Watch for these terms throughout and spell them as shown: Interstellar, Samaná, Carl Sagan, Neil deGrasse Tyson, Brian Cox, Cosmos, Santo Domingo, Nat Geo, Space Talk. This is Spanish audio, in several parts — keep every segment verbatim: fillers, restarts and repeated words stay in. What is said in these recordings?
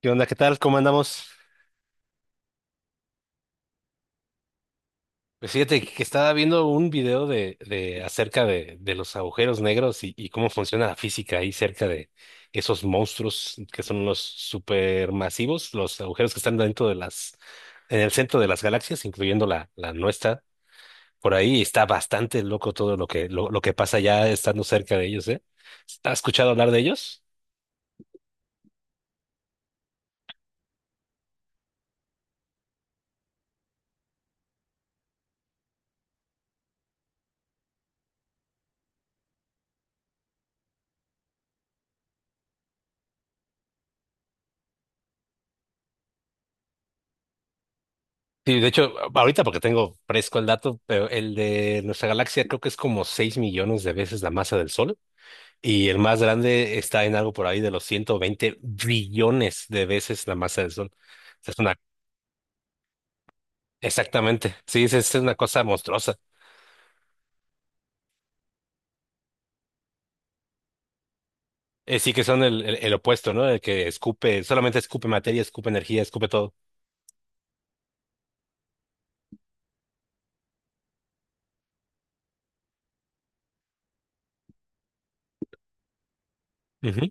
¿Qué onda? ¿Qué tal? ¿Cómo andamos? Pues fíjate que estaba viendo un video de, de acerca de, de los agujeros negros y, y cómo funciona la física ahí cerca de esos monstruos que son los supermasivos, los agujeros que están dentro de las, en el centro de las galaxias, incluyendo la, la nuestra. Por ahí está bastante loco todo lo que, lo, lo que pasa ya estando cerca de ellos, ¿eh? ¿Has escuchado hablar de ellos? Sí, de hecho, ahorita porque tengo fresco el dato, pero el de nuestra galaxia creo que es como seis millones de veces la masa del Sol. Y el más grande está en algo por ahí de los ciento veinte billones de veces la masa del Sol. O sea, es una. Exactamente, sí, es, es una cosa monstruosa. Eh, sí que son el, el- el opuesto, ¿no? El que escupe, solamente escupe materia, escupe energía, escupe todo. Ujú.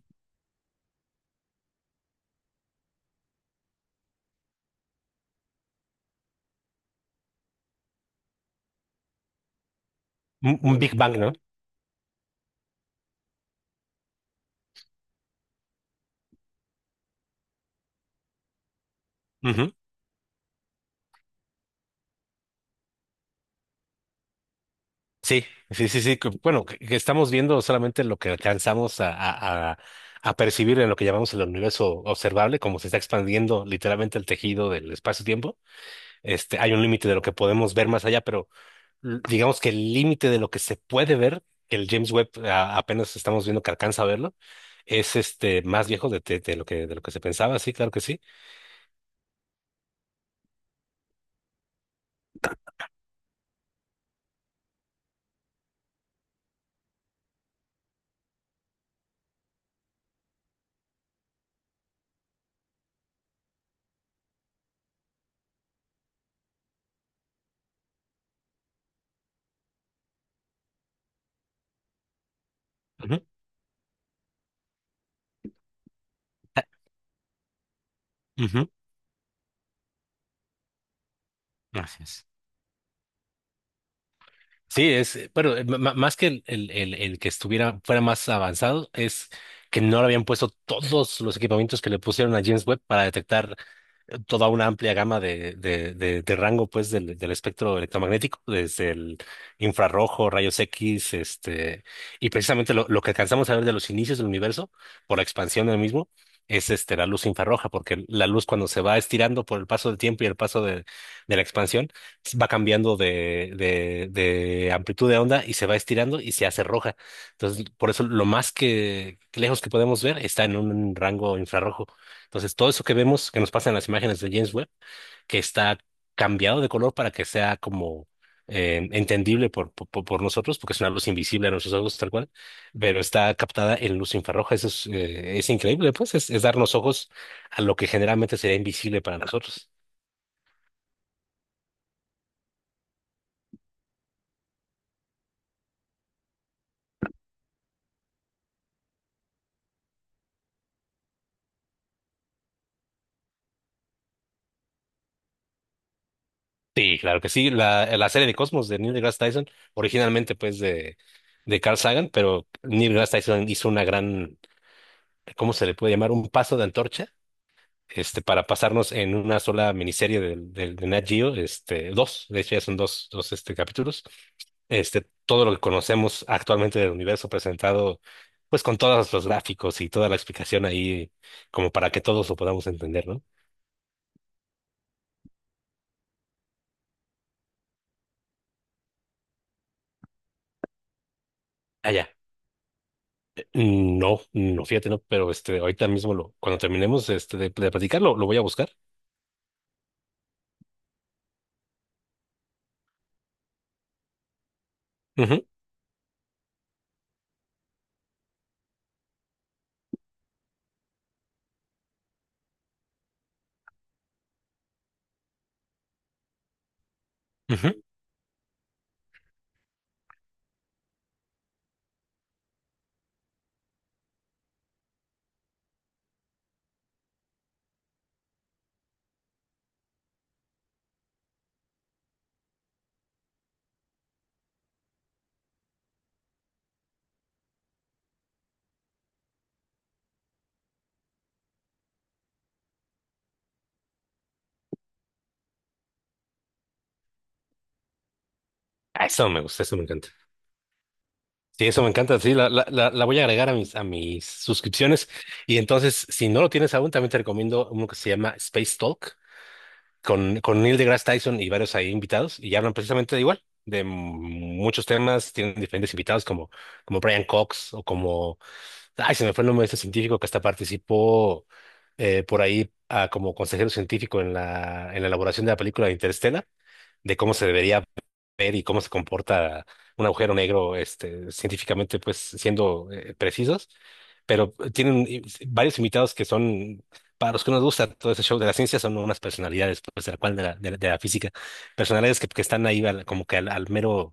Un, un Big Bang, ¿no? Ujú. Sí, sí, sí, sí. que- Bueno, que, que estamos viendo solamente lo que alcanzamos a, a, a- a percibir en lo que llamamos el universo observable, como se está expandiendo literalmente el tejido del espacio-tiempo. Este, hay un límite de lo que podemos ver más allá, l- digamos que el límite de lo que se puede ver, que el James Webb a- apenas estamos viendo que alcanza a verlo, es este más viejo de, de- de lo que de lo que se pensaba, sí, claro que sí. Ujú. Ah, ujú. Gracias. Sí, es, eh, bueno, eh, ma- ma- más que el, el, el, el que estuviera, fuera más avanzado, es que no le habían puesto todos los equipamientos que le pusieron a James Webb para detectar toda una amplia gama de, de, de, de rango pues del, del espectro electromagnético, desde el infrarrojo, rayos X, este, y precisamente lo, lo que alcanzamos a ver de los inicios del universo, por la expansión del mismo, es este, la luz infrarroja, porque la luz cuando se va estirando por el paso del tiempo y el paso de, de la expansión, va cambiando de, de, de amplitud de onda y se va estirando y se hace roja. Entonces, por eso lo más que, que lejos que podemos ver está en un rango infrarrojo. Entonces, todo eso que vemos, que nos pasa en las imágenes de James Webb, que está cambiado de color para que sea como eh, entendible por, por, por por nosotros, porque es una luz invisible a nuestros ojos tal cual, pero está captada en luz infrarroja. Eso es, eh, es increíble, pues, es, es darnos ojos a lo que generalmente sería invisible para nosotros. Sí, claro que sí. La, la serie de Cosmos de Neil deGrasse Tyson, originalmente pues de, de Carl Sagan, pero Neil deGrasse Tyson hizo una gran, ¿cómo se le puede llamar? Un paso de antorcha este, para pasarnos en una sola miniserie del del- de Nat Geo, este, dos, de hecho ya son dos, dos este, capítulos, este, todo lo que conocemos actualmente del universo presentado, pues con todos los gráficos y toda la explicación ahí, como para que todos lo podamos entender, ¿no? Allá. No, no, fíjate, no, pero este, ahorita mismo, lo, cuando terminemos este, de, de platicar, lo, lo voy a buscar. Ujú, ujú. Ah, eso me gusta, eso me encanta. Sí, eso me encanta. Sí, la, la, la, la voy a agregar a mis, a mis suscripciones. Y entonces, si no lo tienes aún, también te recomiendo uno que se llama Space Talk con, con Neil deGrasse Tyson y varios ahí invitados. Y hablan precisamente de igual, de muchos temas. Tienen diferentes invitados como, como Brian Cox o como, ay, se me fue el nombre de este científico que hasta participó eh, por ahí ah, como consejero científico en la, en la elaboración de la película de Interstellar, de cómo se debería ver y cómo se comporta un agujero negro, este, científicamente, pues siendo eh, precisos, pero tienen eh, varios invitados que son, para los que nos gusta todo ese show de la ciencia, son unas personalidades, pues de la cual de la, de la, de la física, personalidades que, que están ahí al- como que al, al mero,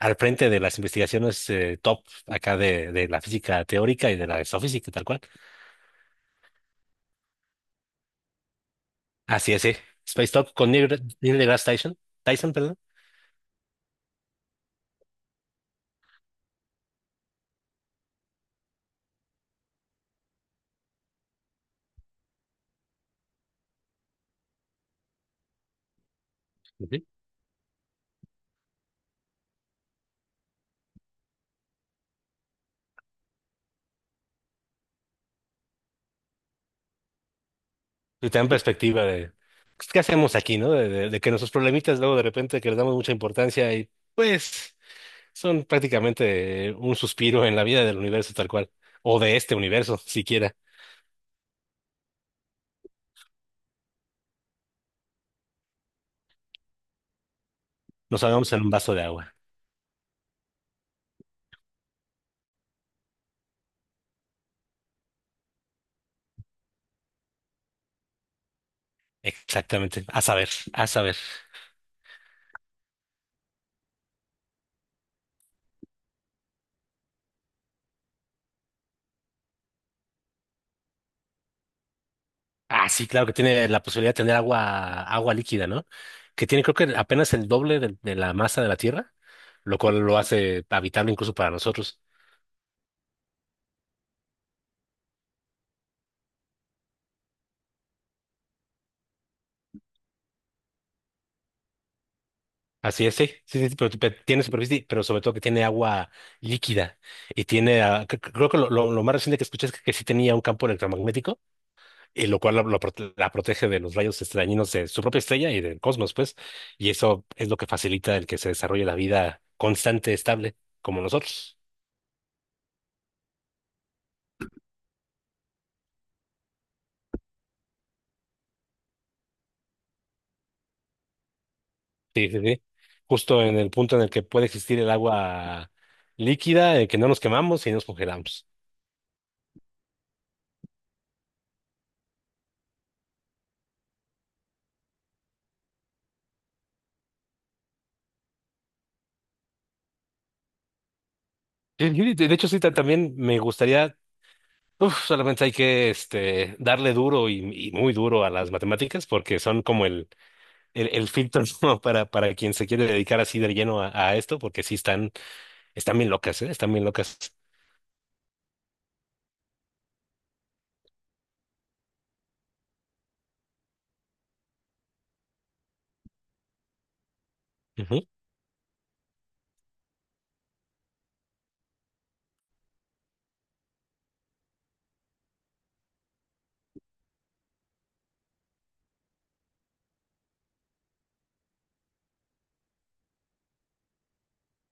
al frente de las investigaciones eh, top acá de, de la física teórica y de la exofísica, tal cual. Así es, sí. Space Talk con Neil, Neil deGrasse Tyson, Tyson, perdón. Y también perspectiva de pues, qué hacemos aquí, ¿no? De, de- de que nuestros problemitas luego de repente que les damos mucha importancia y pues son prácticamente un suspiro en la vida del universo tal cual, o de este universo siquiera. Nos ahogamos en un vaso de agua. Exactamente. A saber, a saber. Ah, sí, claro que tiene la posibilidad de tener agua, agua líquida, ¿no? Que tiene creo que apenas el doble de, de la masa de la Tierra, lo cual lo hace habitable incluso para nosotros. Así es, sí, sí, sí, pero, pero tiene superficie, pero sobre todo que tiene agua líquida y tiene, ah, cre- cre- creo que lo, lo- lo más reciente que escuché es que, que sí tenía un campo electromagnético, y lo cual la, lo prote- la protege de los rayos este, dañinos de su propia estrella y del cosmos, pues, y eso es lo que facilita el que se desarrolle la vida constante, estable, como nosotros. Sí, sí, sí. Justo en el punto en el que puede existir el agua líquida, en que no nos quemamos y no nos congelamos. Sí, sí, De de hecho, sí, ta- también me gustaría. Uf, solamente hay que este, darle duro y, y muy duro a las matemáticas porque son como el, el, el filtro ¿no? para, para quien se quiere dedicar así de lleno a, a esto, porque sí están, están, bien locas, ¿eh? Están bien locas. Ujú.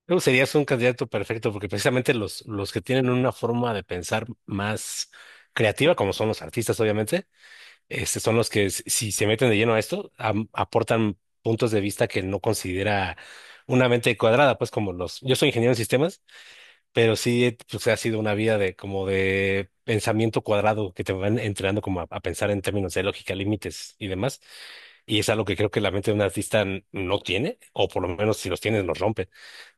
Tú serías un candidato perfecto porque precisamente los, los que tienen una forma de pensar más creativa, como son los artistas, obviamente, este, son los que s- si se meten de lleno a esto, am- aportan puntos de vista que no considera una mente cuadrada, pues como los, yo soy ingeniero en sistemas. Pero sí, eh, pues ha sido una vida de como de pensamiento cuadrado que te van entrenando como a, a pensar en términos de lógica, límites y demás. Y es algo que creo que la mente de un artista n- no tiene, o por lo menos si los tiene, los rompe.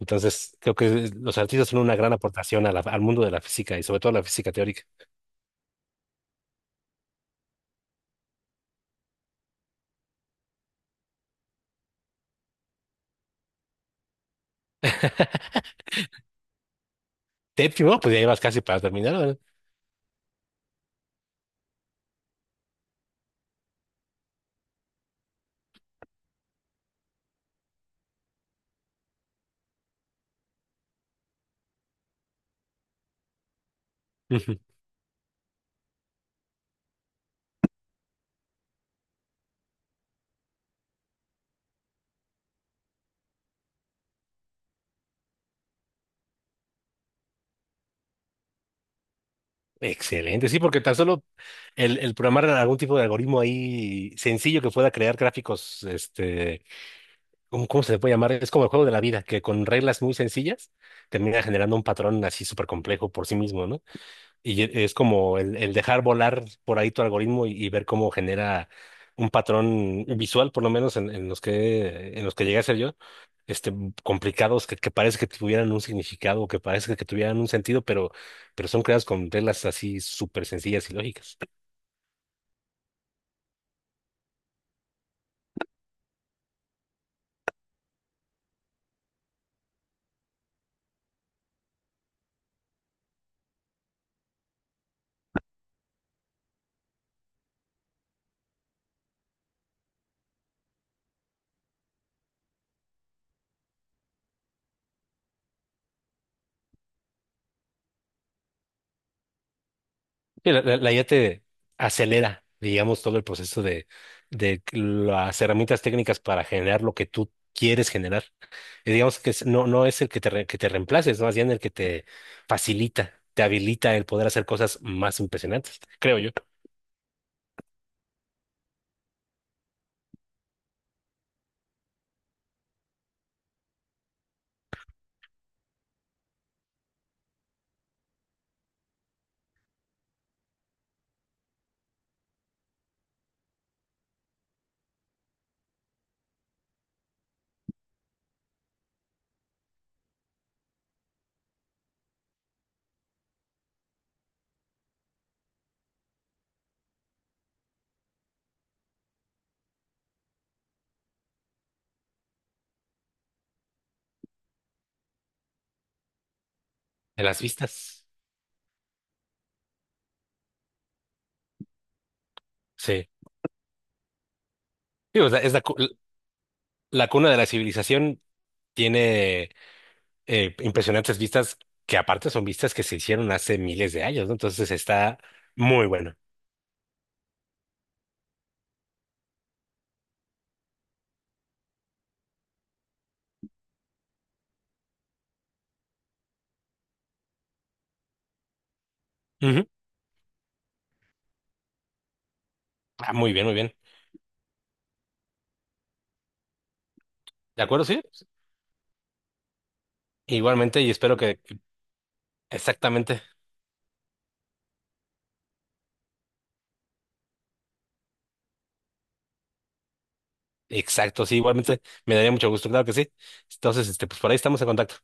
Entonces, creo que los artistas son una gran aportación a la- al mundo de la física y sobre todo a la física teórica. Te primero, pues ya ibas casi para terminar, ¿verdad? Ujú. Excelente, sí, porque tan solo el, el programar algún tipo de algoritmo ahí sencillo que pueda crear gráficos, este. ¿Cómo, cómo se le puede llamar? Es como el juego de la vida, que con reglas muy sencillas termina generando un patrón así súper complejo por sí mismo, ¿no? Y e- es como el, el dejar volar por ahí tu algoritmo y, y ver cómo genera un patrón visual, por lo menos en, en los que, en los que llegué a ser yo, este, complicados, que, que parece que tuvieran un significado, que parece que tuvieran un sentido, pero, pero son creados con reglas así súper sencillas y lógicas. Sí, la, la- la I A te acelera, digamos, todo el proceso de, de las herramientas técnicas para generar lo que tú quieres generar. Y digamos que es- no, no es el que te, re- que te reemplace, es más bien el que te facilita, te habilita el poder hacer cosas más impresionantes, creo yo, en las vistas. Sí. Sí, o sea, es la, cu- la cuna de la civilización tiene eh, impresionantes vistas que aparte son vistas que se hicieron hace miles de años, ¿no? Entonces está muy bueno. Ujú. Ah, muy bien, muy bien. ¿De acuerdo? Sí. Igualmente, y espero que, exactamente, exacto, sí, igualmente me daría mucho gusto, claro que sí. Entonces, este, pues por ahí estamos en contacto.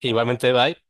Igualmente, bye.